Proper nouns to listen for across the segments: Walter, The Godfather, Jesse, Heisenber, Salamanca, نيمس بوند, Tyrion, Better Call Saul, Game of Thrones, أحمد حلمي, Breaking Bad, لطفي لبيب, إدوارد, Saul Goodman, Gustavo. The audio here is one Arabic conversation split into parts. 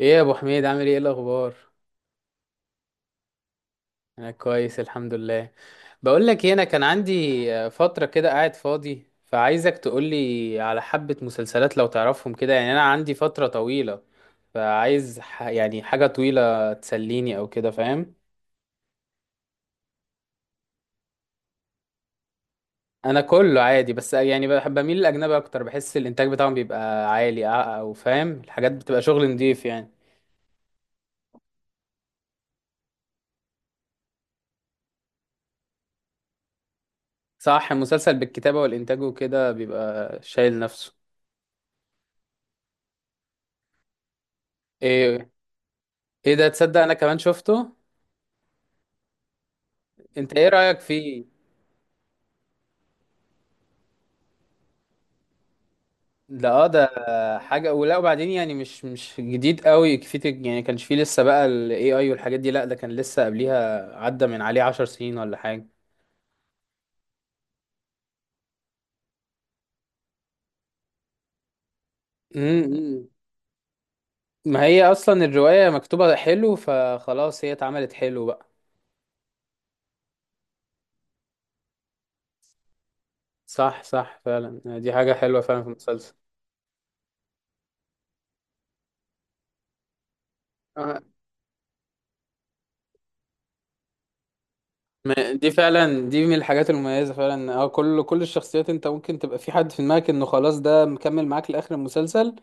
ايه يا ابو حميد عامل ايه الاخبار؟ انا كويس الحمد لله. بقول لك إيه، انا كان عندي فتره كده قاعد فاضي فعايزك تقولي على حبه مسلسلات لو تعرفهم كده يعني انا عندي فتره طويله فعايز يعني حاجه طويله تسليني او كده فاهم. انا كله عادي بس يعني بحب بميل للاجنبي اكتر، بحس الانتاج بتاعهم بيبقى عالي او فاهم الحاجات بتبقى شغل نضيف يعني. صح، المسلسل بالكتابه والانتاج وكده بيبقى شايل نفسه. ايه؟ ايه ده، تصدق انا كمان شفته. انت ايه رأيك فيه؟ ده اه ده حاجة ولا وبعدين يعني مش جديد قوي، كفيت يعني كانش فيه لسه بقى ال AI والحاجات دي، لا ده كان لسه قبليها، عدى من عليه 10 سنين ولا حاجة. امم، ما هي اصلا الرواية مكتوبة حلو فخلاص هي اتعملت حلو بقى. صح صح فعلا، دي حاجة حلوة فعلا في المسلسل. دي فعلا دي من الحاجات المميزة فعلا، اه كل الشخصيات انت ممكن تبقى في حد في دماغك انه خلاص ده مكمل معاك لآخر المسلسل،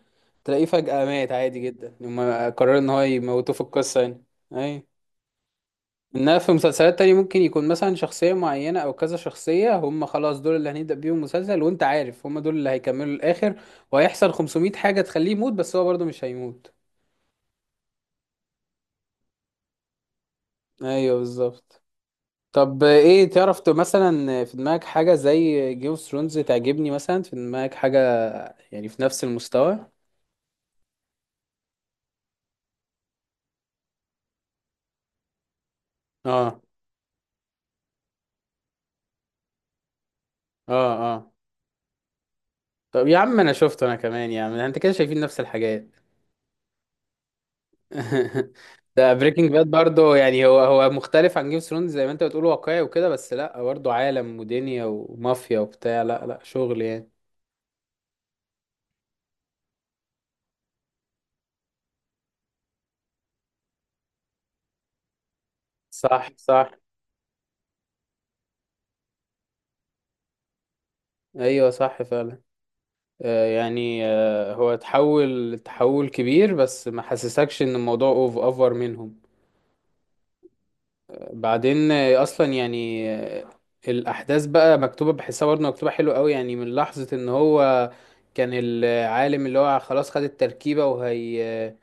تلاقيه فجأة مات عادي جدا لما قرر ان هو يموتوه في القصة يعني. اي، انها في مسلسلات تانية ممكن يكون مثلا شخصية معينة او كذا شخصية هم خلاص دول اللي هنبدأ بيهم مسلسل وانت عارف هم دول اللي هيكملوا الآخر، وهيحصل 500 حاجة تخليه يموت بس هو برضه مش هيموت. ايوه بالظبط. طب ايه تعرف مثلا في دماغك حاجة زي جيم اوف ثرونز تعجبني؟ مثلا في دماغك حاجة يعني في نفس المستوى؟ اه اه اه. طب يا عم انا شفته انا كمان، يا عم انت كده شايفين نفس الحاجات. ده بريكنج باد برضه، يعني هو مختلف عن جيم اوف ثرونز زي ما انت بتقول واقعي وكده، بس لا برضه عالم ودنيا ومافيا وبتاع، لا لا شغل يعني. صح صح. ايوه صح فعلا. يعني هو تحول كبير بس ما حسسكش ان الموضوع اوف اوفر منهم. بعدين اصلا يعني الاحداث بقى مكتوبه، بحسها برضه مكتوبه حلو قوي يعني، من لحظه ان هو كان العالم اللي هو خلاص خد التركيبه وهي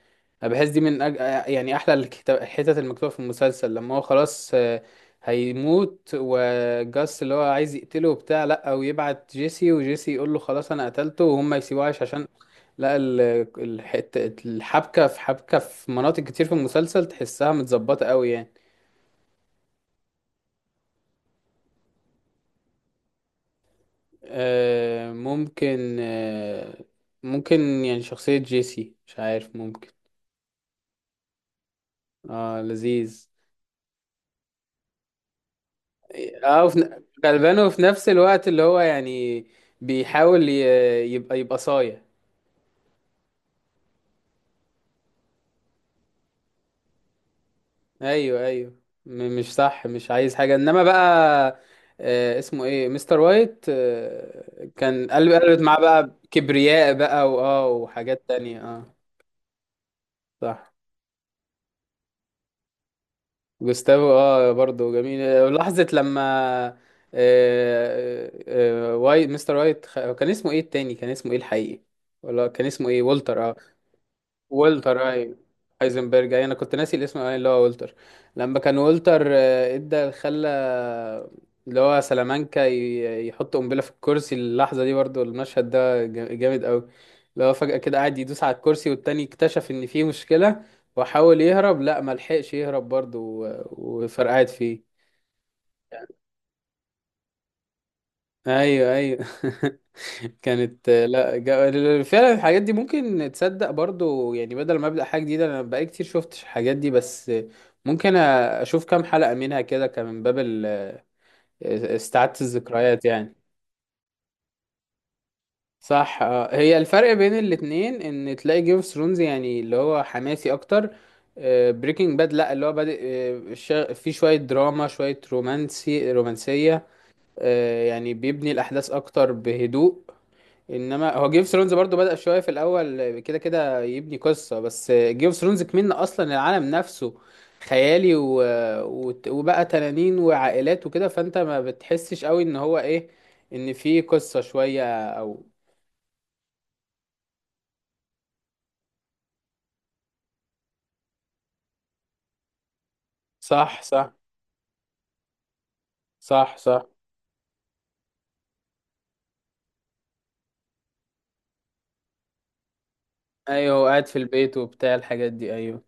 أنا بحس دي من يعني احلى الحتت المكتوبه في المسلسل، لما هو خلاص هيموت، وجاس اللي هو عايز يقتله وبتاع، لا ويبعت جيسي، وجيسي يقول له خلاص انا قتلته وهم يسيبوه عايش عشان لا الحتة الحبكة، في حبكة في مناطق كتير في المسلسل تحسها متظبطة قوي يعني. ممكن ممكن يعني شخصية جيسي، مش عارف ممكن. اه لذيذ. اه وفي غلبان، وفي نفس الوقت اللي هو يعني بيحاول يبقى صايع. ايوه ايوه. مش صح، مش عايز حاجه انما بقى، آه اسمه ايه مستر وايت، آه كان قلب قلبت معاه بقى كبرياء بقى واه وحاجات تانية اه. صح. جوستافو اه برضه جميل، لحظه لما آه وايت مستر وايت كان اسمه ايه التاني؟ كان اسمه ايه الحقيقي؟ ولا كان اسمه ايه والتر اه. والتر ايوه، هايزنبرج ايوه، انا كنت ناسي الاسم، ايوه اللي هو والتر. لما كان والتر ادى خلى اللي هو سلامانكا يحط قنبله في الكرسي، اللحظه دي برضو المشهد ده جامد قوي، اللي هو فجاه كده قاعد يدوس على الكرسي، والتاني اكتشف ان فيه مشكله وحاول يهرب، لا ما لحقش يهرب برضو، وفرقعت فيه. ايوه ايوه. كانت لا فعلا الحاجات دي ممكن تصدق برضو يعني، بدل ما ابدا حاجه جديده انا بقالي كتير شفتش الحاجات دي، بس ممكن اشوف كام حلقه منها كده، كان من باب استعادة الذكريات يعني. صح. آه. هي الفرق بين الاتنين ان تلاقي جيم اوف ثرونز يعني اللي هو حماسي اكتر، بريكنج باد لا اللي هو بادئ في شويه دراما شويه رومانسيه، يعني بيبني الاحداث اكتر بهدوء. انما هو جيم اوف ثرونز برضه بدأ شويه في الاول كده كده يبني قصه، بس جيم اوف ثرونز كمان اصلا العالم نفسه خيالي و... وبقى تنانين وعائلات وكده، فانت ما بتحسش قوي ان هو ايه ان في قصه شويه او، صح صح. صح صح. ايوه هو قاعد في البيت وبتاع الحاجات دي ايوه.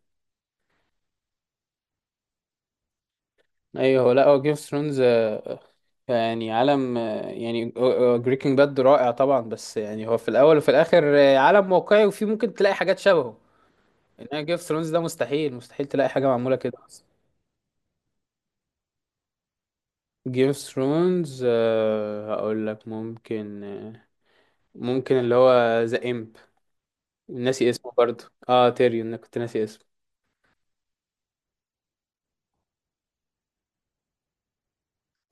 ايوه هو لا هو جيم اوف ثرونز يعني عالم، يعني بريكنج باد رائع طبعا بس يعني هو في الاول وفي الاخر عالم واقعي وفي ممكن تلاقي حاجات شبهه، انها جيم اوف ثرونز ده مستحيل مستحيل تلاقي حاجه معموله كده اصلا. جيم اوف ثرونز هقول لك ممكن ممكن اللي هو ذا امب، ناسي اسمه برضه. اه تيريون، انا كنت ناسي اسمه.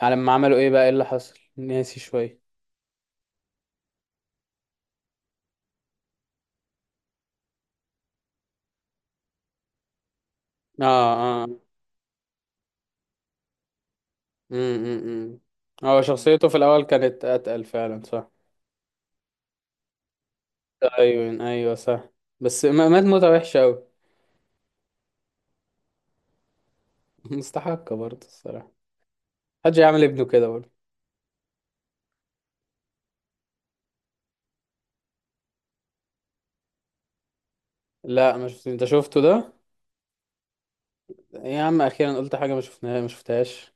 على ما عملوا ايه بقى، ايه اللي حصل ناسي شويه. اه اه. امم. هو شخصيته في الاول كانت اتقل فعلا صح. ايوه ايوه صح، بس مات موتة وحشة أوي. مستحقة برضه الصراحة، محدش يعمل ابنه كده برضه. لا ما شفت، انت شفته ده؟ يا عم اخيرا قلت حاجة ما شفناها، ما شفتهاش.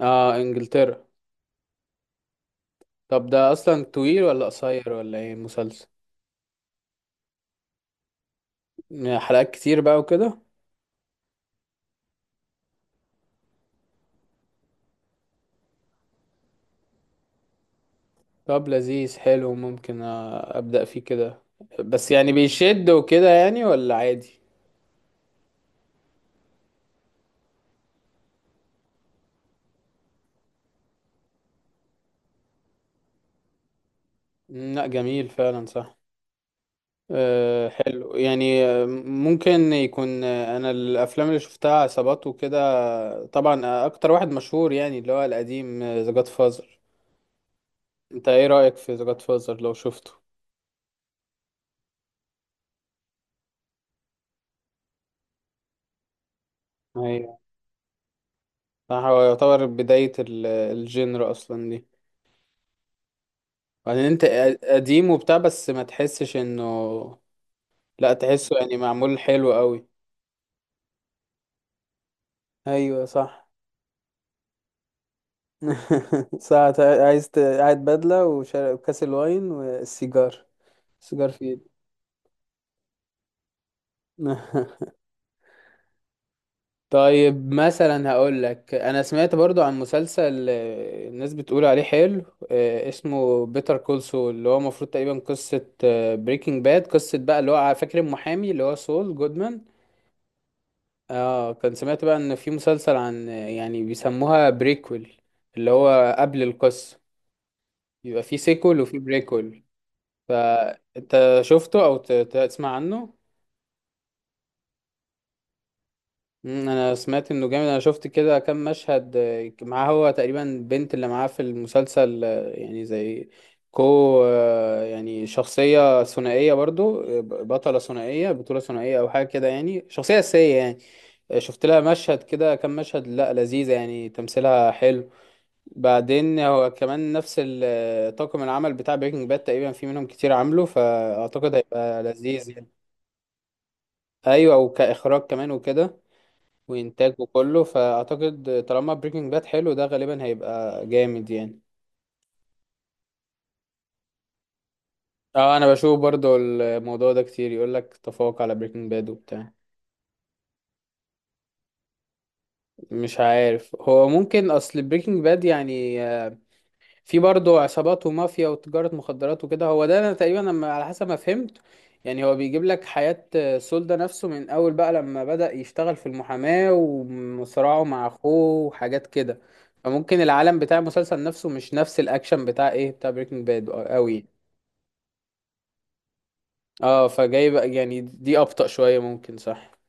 اه انجلترا. طب ده اصلا طويل ولا قصير ولا ايه مسلسل؟ يعني حلقات كتير بقى وكده؟ طب لذيذ حلو ممكن ابدأ فيه كده، بس يعني بيشد وكده يعني ولا عادي؟ مم، لا جميل فعلا صح. أه حلو يعني، ممكن يكون انا الافلام اللي شفتها عصابات وكده طبعا اكتر واحد مشهور يعني اللي هو القديم ذا جاد فازر. انت ايه رأيك في ذا جاد فازر لو شفته؟ ايوه صح، هو يعتبر بداية الجينر اصلا دي. بعدين انت قديم وبتاع بس ما تحسش انه، لا تحسه يعني معمول حلو قوي. ايوه صح. ساعة عايز قاعد بدلة وشارب كاس الواين والسيجار، السيجار في ايدي. طيب مثلا هقول لك انا سمعت برضو عن مسلسل الناس بتقول عليه حلو، اسمه بيتر كول سول، اللي هو المفروض تقريبا قصة بريكنج باد، قصة بقى اللي هو فاكر المحامي اللي هو سول جودمان. اه كان سمعت بقى ان في مسلسل عن يعني بيسموها بريكول، اللي هو قبل القصة، يبقى في سيكول وفي بريكول، فانت شفته او تسمع عنه؟ مم، انا سمعت انه جامد، انا شفت كده كام مشهد معاه، هو تقريبا البنت اللي معاه في المسلسل يعني زي كو، يعني شخصية ثنائية برضو بطلة ثنائية بطولة ثنائية او حاجة كده يعني شخصية أساسية يعني. شفت لها مشهد كده كام مشهد، لا لذيذة يعني تمثيلها حلو. بعدين هو كمان نفس طاقم العمل بتاع بريكنج باد تقريبا في منهم كتير عامله، فاعتقد هيبقى لذيذ يعني. ايوه وكاخراج كمان وكده، وانتاج وكله، فاعتقد طالما بريكنج باد حلو ده غالبا هيبقى جامد يعني. اه انا بشوف برضو الموضوع ده كتير، يقول لك تفوق على بريكنج باد وبتاع. مش عارف، هو ممكن اصل بريكنج باد يعني في برضه عصابات ومافيا وتجارة مخدرات وكده، هو ده انا تقريبا لما على حسب ما فهمت، يعني هو بيجيب لك حياة سول ده نفسه من اول بقى لما بدأ يشتغل في المحاماة وصراعه مع اخوه وحاجات كده، فممكن العالم بتاع المسلسل نفسه مش نفس الاكشن بتاع ايه بتاع بريكنج باد قوي. اه فجايب يعني دي ابطأ شوية ممكن صح.